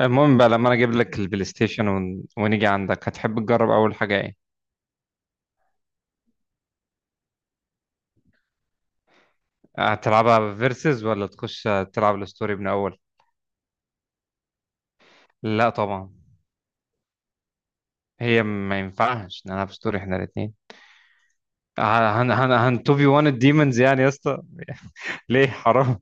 المهم بقى لما انا اجيب لك البلاي ستيشن ون ونيجي عندك، هتحب تجرب اول حاجه ايه؟ هتلعبها فيرسز ولا تخش تلعب الستوري من اول؟ لا طبعا. هي ما ينفعش نلعب ستوري احنا الاثنين. هن هن هن 2 في 1 الديمونز يعني يا اسطى. ليه؟ حرام.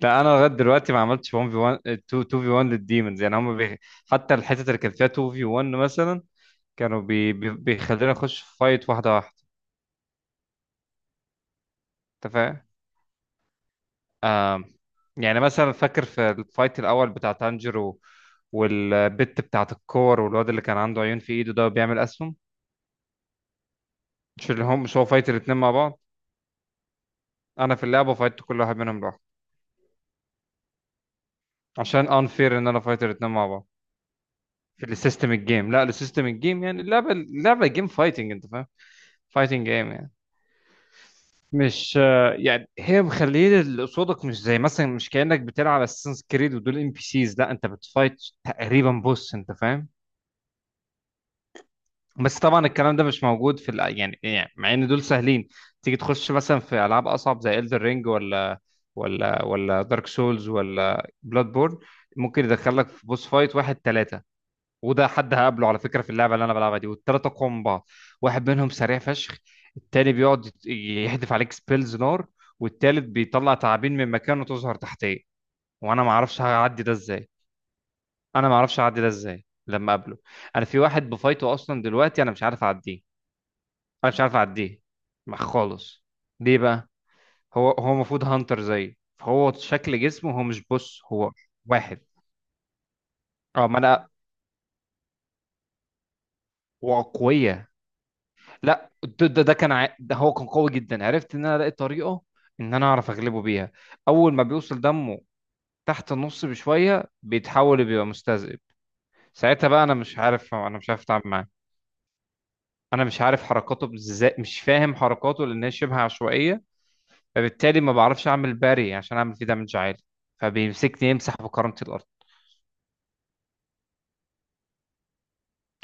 لا انا لغايه دلوقتي ما عملتش 1 في 1، 2 2 في 1 للديمونز، يعني هم حتى الحتت اللي كان فيها 2 في 1 مثلا كانوا بيخلينا نخش فايت واحده واحده. انت فاهم؟ آم، يعني مثلا فاكر في الفايت الاول بتاع تانجيرو والبت بتاعت الكور والواد اللي كان عنده عيون في ايده ده بيعمل اسهم؟ مش اللي هم مش هو فايت الاتنين مع بعض؟ انا في اللعبه فايت كل واحد منهم لوحده عشان انفير ان انا فايت الاتنين مع بعض. في السيستم الجيم، لا، السيستم الجيم يعني اللعبه، اللعبه جيم فايتنج، انت فاهم؟ فايتنج جيم يعني. مش يعني هي مخليه اللي قصادك مش زي مثلا مش كانك بتلعب اساسنز كريد ودول ام بي سيز، لا انت بتفايت تقريبا بوس، انت فاهم؟ بس طبعا الكلام ده مش موجود في يعني يعني مع ان دول سهلين. تيجي تخش مثلا في العاب اصعب زي Elden Ring ولا ولا دارك سولز ولا بلاد بورن، ممكن يدخلك في بوس فايت واحد ثلاثة. وده حد هقابله على فكرة في اللعبة اللي انا بلعبها دي، والثلاثة اقوى من بعض. واحد منهم سريع فشخ، التاني بيقعد يحدف عليك سبيلز نار، والتالت بيطلع تعابين من مكانه تظهر تحتيه، وانا ما اعرفش هعدي ده ازاي. انا ما اعرفش هعدي ده ازاي لما اقابله. انا في واحد بفايته اصلا دلوقتي انا مش عارف اعديه. انا مش عارف اعديه. خالص. ليه بقى؟ هو المفروض هانتر زي، فهو شكل جسمه هو مش بص هو واحد. اه ما انا. وقوية. لا ده هو كان قوي جدا، عرفت ان انا الاقي طريقة ان انا اعرف اغلبه بيها. اول ما بيوصل دمه تحت النص بشوية بيتحول، بيبقى مستذئب. ساعتها بقى انا مش عارف، انا مش عارف اتعامل معاه. انا مش عارف حركاته ازاي، مش فاهم حركاته لان هي شبه عشوائية، فبالتالي ما بعرفش اعمل باري عشان اعمل فيه دامج عالي، فبيمسكني يمسح بكرامتي الارض.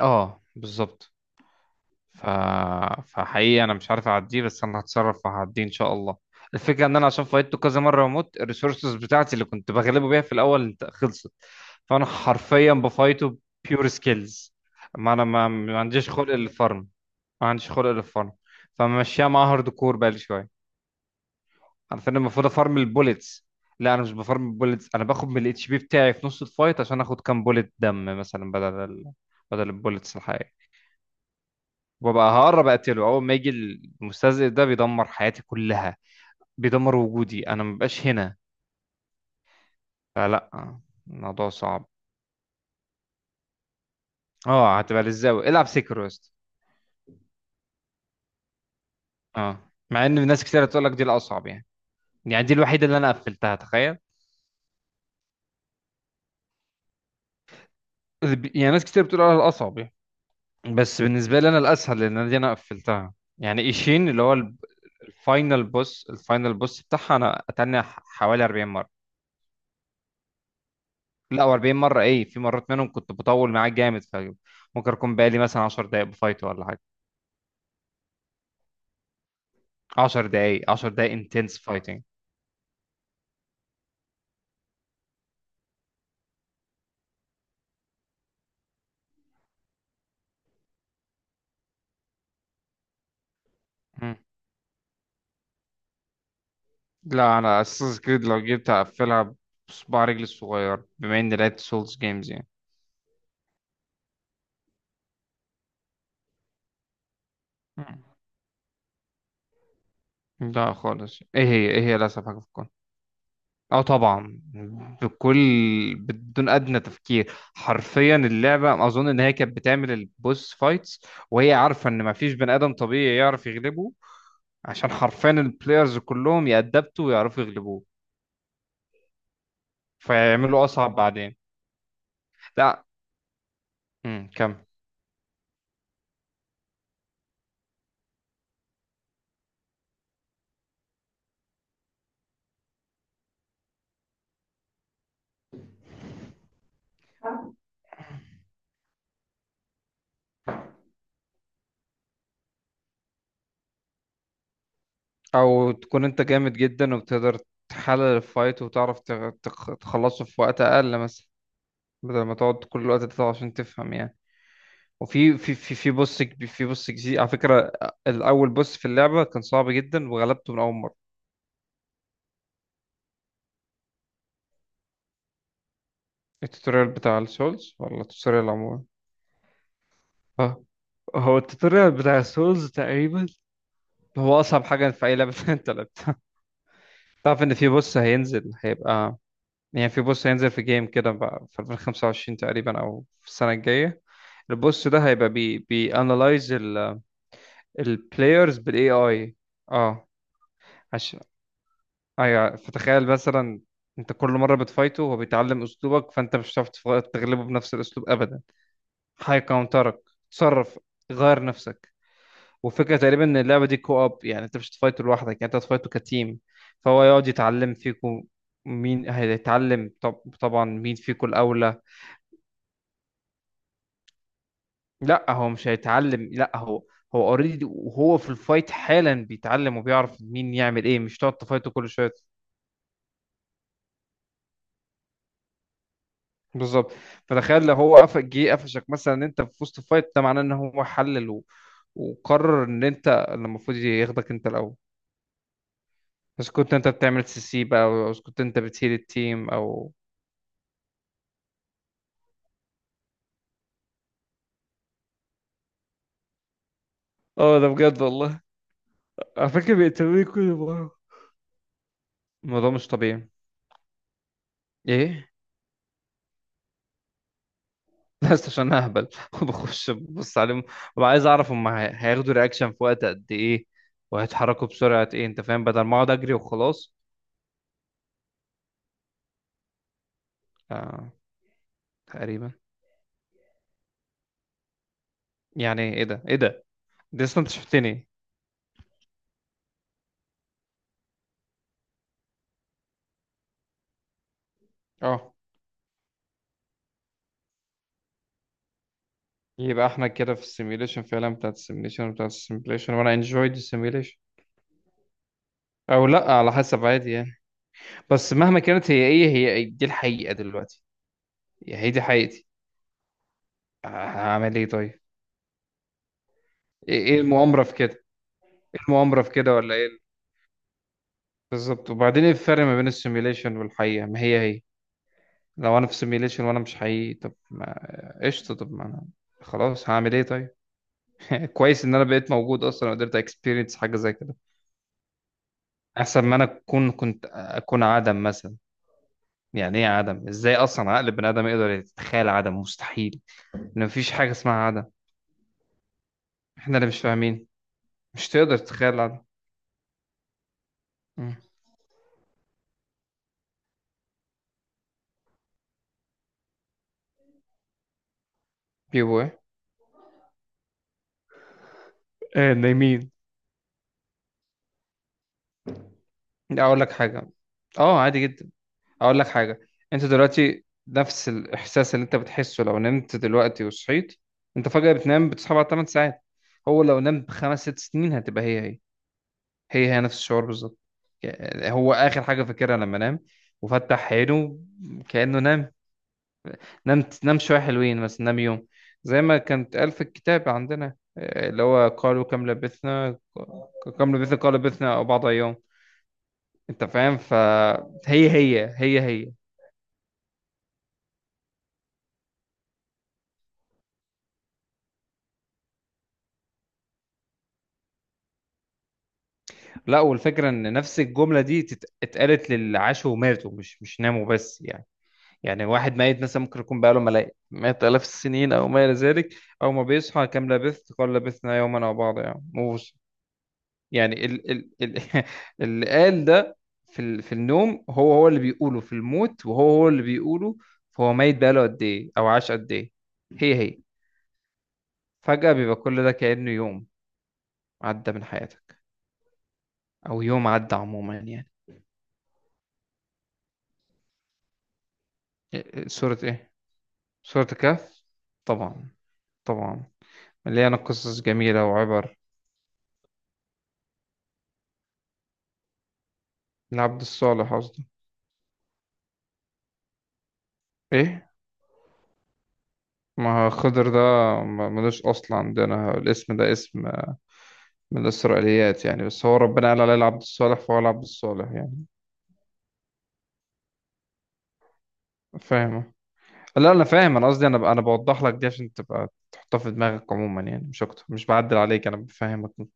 اه بالظبط. ف... فحقيقي انا مش عارف اعديه، بس انا هتصرف وهعديه ان شاء الله. الفكره ان انا عشان فايتته كذا مره واموت، الريسورسز بتاعتي اللي كنت بغلبه بيها في الاول خلصت، فانا حرفيا بفايته بيور سكيلز. ما انا ما عنديش خلق للفارم. ما عنديش خلق للفارم. فمشيها مع هارد كور بقالي شويه. عارفين المفروض افارم البوليتس؟ لا انا مش بفارم البوليتس، انا باخد من الاتش بي بتاعي في نص الفايت عشان اخد كام بوليت دم مثلا بدل بدل البوليتس الحقيقية، وببقى هقرب اقتله اول ما يجي. المستهزئ ده بيدمر حياتي كلها، بيدمر وجودي، انا مبقاش هنا، فلا، الموضوع صعب. اه، هتبقى للزاوية العب سيكرو يا اسطى. اه، مع ان ناس كتير تقول لك دي الاصعب يعني. يعني دي الوحيدة اللي انا قفلتها، تخيل. يعني ناس كتير بتقول على الاصعب يعني، بس بالنسبة لي انا الاسهل، لان أنا دي انا قفلتها. يعني ايشين اللي هو الفاينل بوس، الفاينل بوس بتاعها انا اتنى حوالي 40 مره. لا و40 مره ايه، في مرات منهم كنت بطول معاه جامد، فممكن اكون بقالي مثلا 10 دقائق بفايت ولا حاجه. 10 دقائق، 10 دقائق انتنس فايتنج. لا انا اساس كريد لو جيت اقفلها بصباع رجلي الصغير بما اني لعبت سولز جيمز يعني. مم. لا خالص، ايه هي، ايه هي الاسهل حاجه في الكون. اه طبعا. بكل، بدون ادنى تفكير. حرفيا اللعبه اظن ان هي كانت بتعمل البوس فايتس وهي عارفه ان مفيش بني ادم طبيعي يعرف يغلبه، عشان حرفيا البلايرز كلهم يأدبتوا ويعرفوا يغلبوه، فيعملوا اصعب بعدين. لا. كمل. او تكون انت جامد جدا وبتقدر تحلل الفايت وتعرف تخلصه في وقت اقل مثلا، بدل ما تقعد كل الوقت ده عشان تفهم يعني. وفي في بوس في بوس جديد على فكرة. الأول بوس في اللعبة كان صعب جدا وغلبته من أول مرة. التوتوريال بتاع السولز ولا التوتوريال عموما؟ اه. هو التوتوريال بتاع السولز تقريبا هو أصعب حاجة في أي لعبة أنت لعبتها. تعرف إن في بوس هينزل؟ هيبقى يعني في بوس هينزل في جيم كده بقى في 2025 تقريبا أو في السنة الجاية. البوس ده هيبقى بي بي analyze ال البلايرز بالاي اي. اه. عشان، ايوه، فتخيل مثلا، انت كل مره بتفايته هو بيتعلم اسلوبك، فانت مش هتعرف تغلبه بنفس الاسلوب ابدا، هيكونترك. تصرف، غير نفسك. وفكره تقريبا ان اللعبه دي كو اب يعني انت مش هتفايته لوحدك، يعني انت هتفايته كتيم، فهو يقعد يتعلم فيكم. مين هيتعلم طب؟ طبعا مين فيكم الاولى. لا هو مش هيتعلم، لا هو، هو اوريدي وهو في الفايت حالا بيتعلم وبيعرف مين يعمل ايه، مش تقعد تفايته كل شويه. بالظبط. فتخيل لو هو قفش جه قفشك مثلا ان انت في وسط فايت، ده معناه ان هو حلل وقرر ان انت اللي المفروض ياخدك انت الاول، بس كنت انت بتعمل سي سي بقى، او إذا كنت انت بتشيل التيم او. اه ده بجد والله، على فكره بيقتلوني كل مره، الموضوع مش طبيعي. ايه. بس عشان اهبل وبخش ببص عليهم وببقى عايز اعرف هم هياخدوا رياكشن في وقت قد ايه، وهيتحركوا بسرعه ايه، انت فاهم، بدل ما اقعد اجري وخلاص. آه تقريبا. يعني ايه ده، ايه ده، دي اصلا انت شفتني. اه. يبقى احنا كده في السيميوليشن فعلا بتاعت السيميوليشن بتاعت السيميوليشن، وانا انجويد السيميوليشن او لا على حسب، عادي يعني. بس مهما كانت، هي ايه، هي دي الحقيقة دلوقتي، هي دي حقيقتي، هعمل ايه طيب. إيه المؤامرة في كده، ايه المؤامرة في كده ولا ايه؟ بالظبط. وبعدين ايه الفرق ما بين السيميوليشن والحقيقة؟ ما هي هي. لو انا في سيميوليشن وانا مش حقيقي، طب ما قشطة، طب ما انا خلاص، هعمل ايه طيب؟ كويس ان انا بقيت موجود اصلا وقدرت اكسبيرينس حاجة زي كده. احسن ما انا اكون، كنت اكون عدم مثلا. يعني ايه عدم؟ ازاي اصلا عقل بني ادم يقدر يتخيل عدم؟ مستحيل. ان مفيش حاجه اسمها عدم، احنا اللي مش فاهمين، مش تقدر تتخيل العدم. مم. بيبو ايه؟ نايمين. اقول لك حاجه، اه عادي جدا، اقول لك حاجه. انت دلوقتي نفس الاحساس اللي انت بتحسه لو نمت دلوقتي وصحيت. انت فجاه بتنام بتصحى بعد 8 ساعات، هو لو نام بخمس ست سنين هتبقى هي هي، هي هي نفس الشعور بالظبط. يعني هو اخر حاجه فاكرها لما نام وفتح عينه كانه نام، نمت نام شوية حلوين مثلا، نام يوم. زي ما كانت قال في الكتاب عندنا اللي هو قالوا كم لبثنا. كم لبثنا، قالوا لبثنا أو بعض أيام. أنت فاهم؟ فهي هي، هي هي. لا، والفكرة إن نفس الجملة دي اتقالت للي عاشوا وماتوا، مش ناموا بس، يعني. يعني واحد ميت مثلا ممكن يكون بقاله ملايين مئات آلاف السنين أو ما إلى ذلك، أول ما بيصحى كم لبثت قال لبثنا يوما أو بعض، يعني. يعني ال ال ال اللي قال ده في ال، في النوم هو هو اللي بيقوله في الموت، وهو هو اللي بيقوله. فهو ميت بقاله قد ايه او عاش قد ايه، هي هي. فجأة بيبقى كل ده كأنه يوم عدى من حياتك، او يوم عدى عموما يعني. إيه- إيه، سورة ايه؟ سورة الكهف. طبعا. طبعا. مليانة قصص جميلة وعبر. العبد الصالح قصدي. ايه. ما خضر ده، ملوش اصل عندنا. الاسم ده اسم من الإسرائيليات يعني، بس هو ربنا قال عليه العبد الصالح فهو العبد الصالح يعني. فاهمه. لا أنا فاهم، أنا قصدي أنا، أنا بوضح لك دي عشان تبقى تحطها في دماغك عموما يعني، مش أكتر، مش بعدل عليك أنا بفهمك.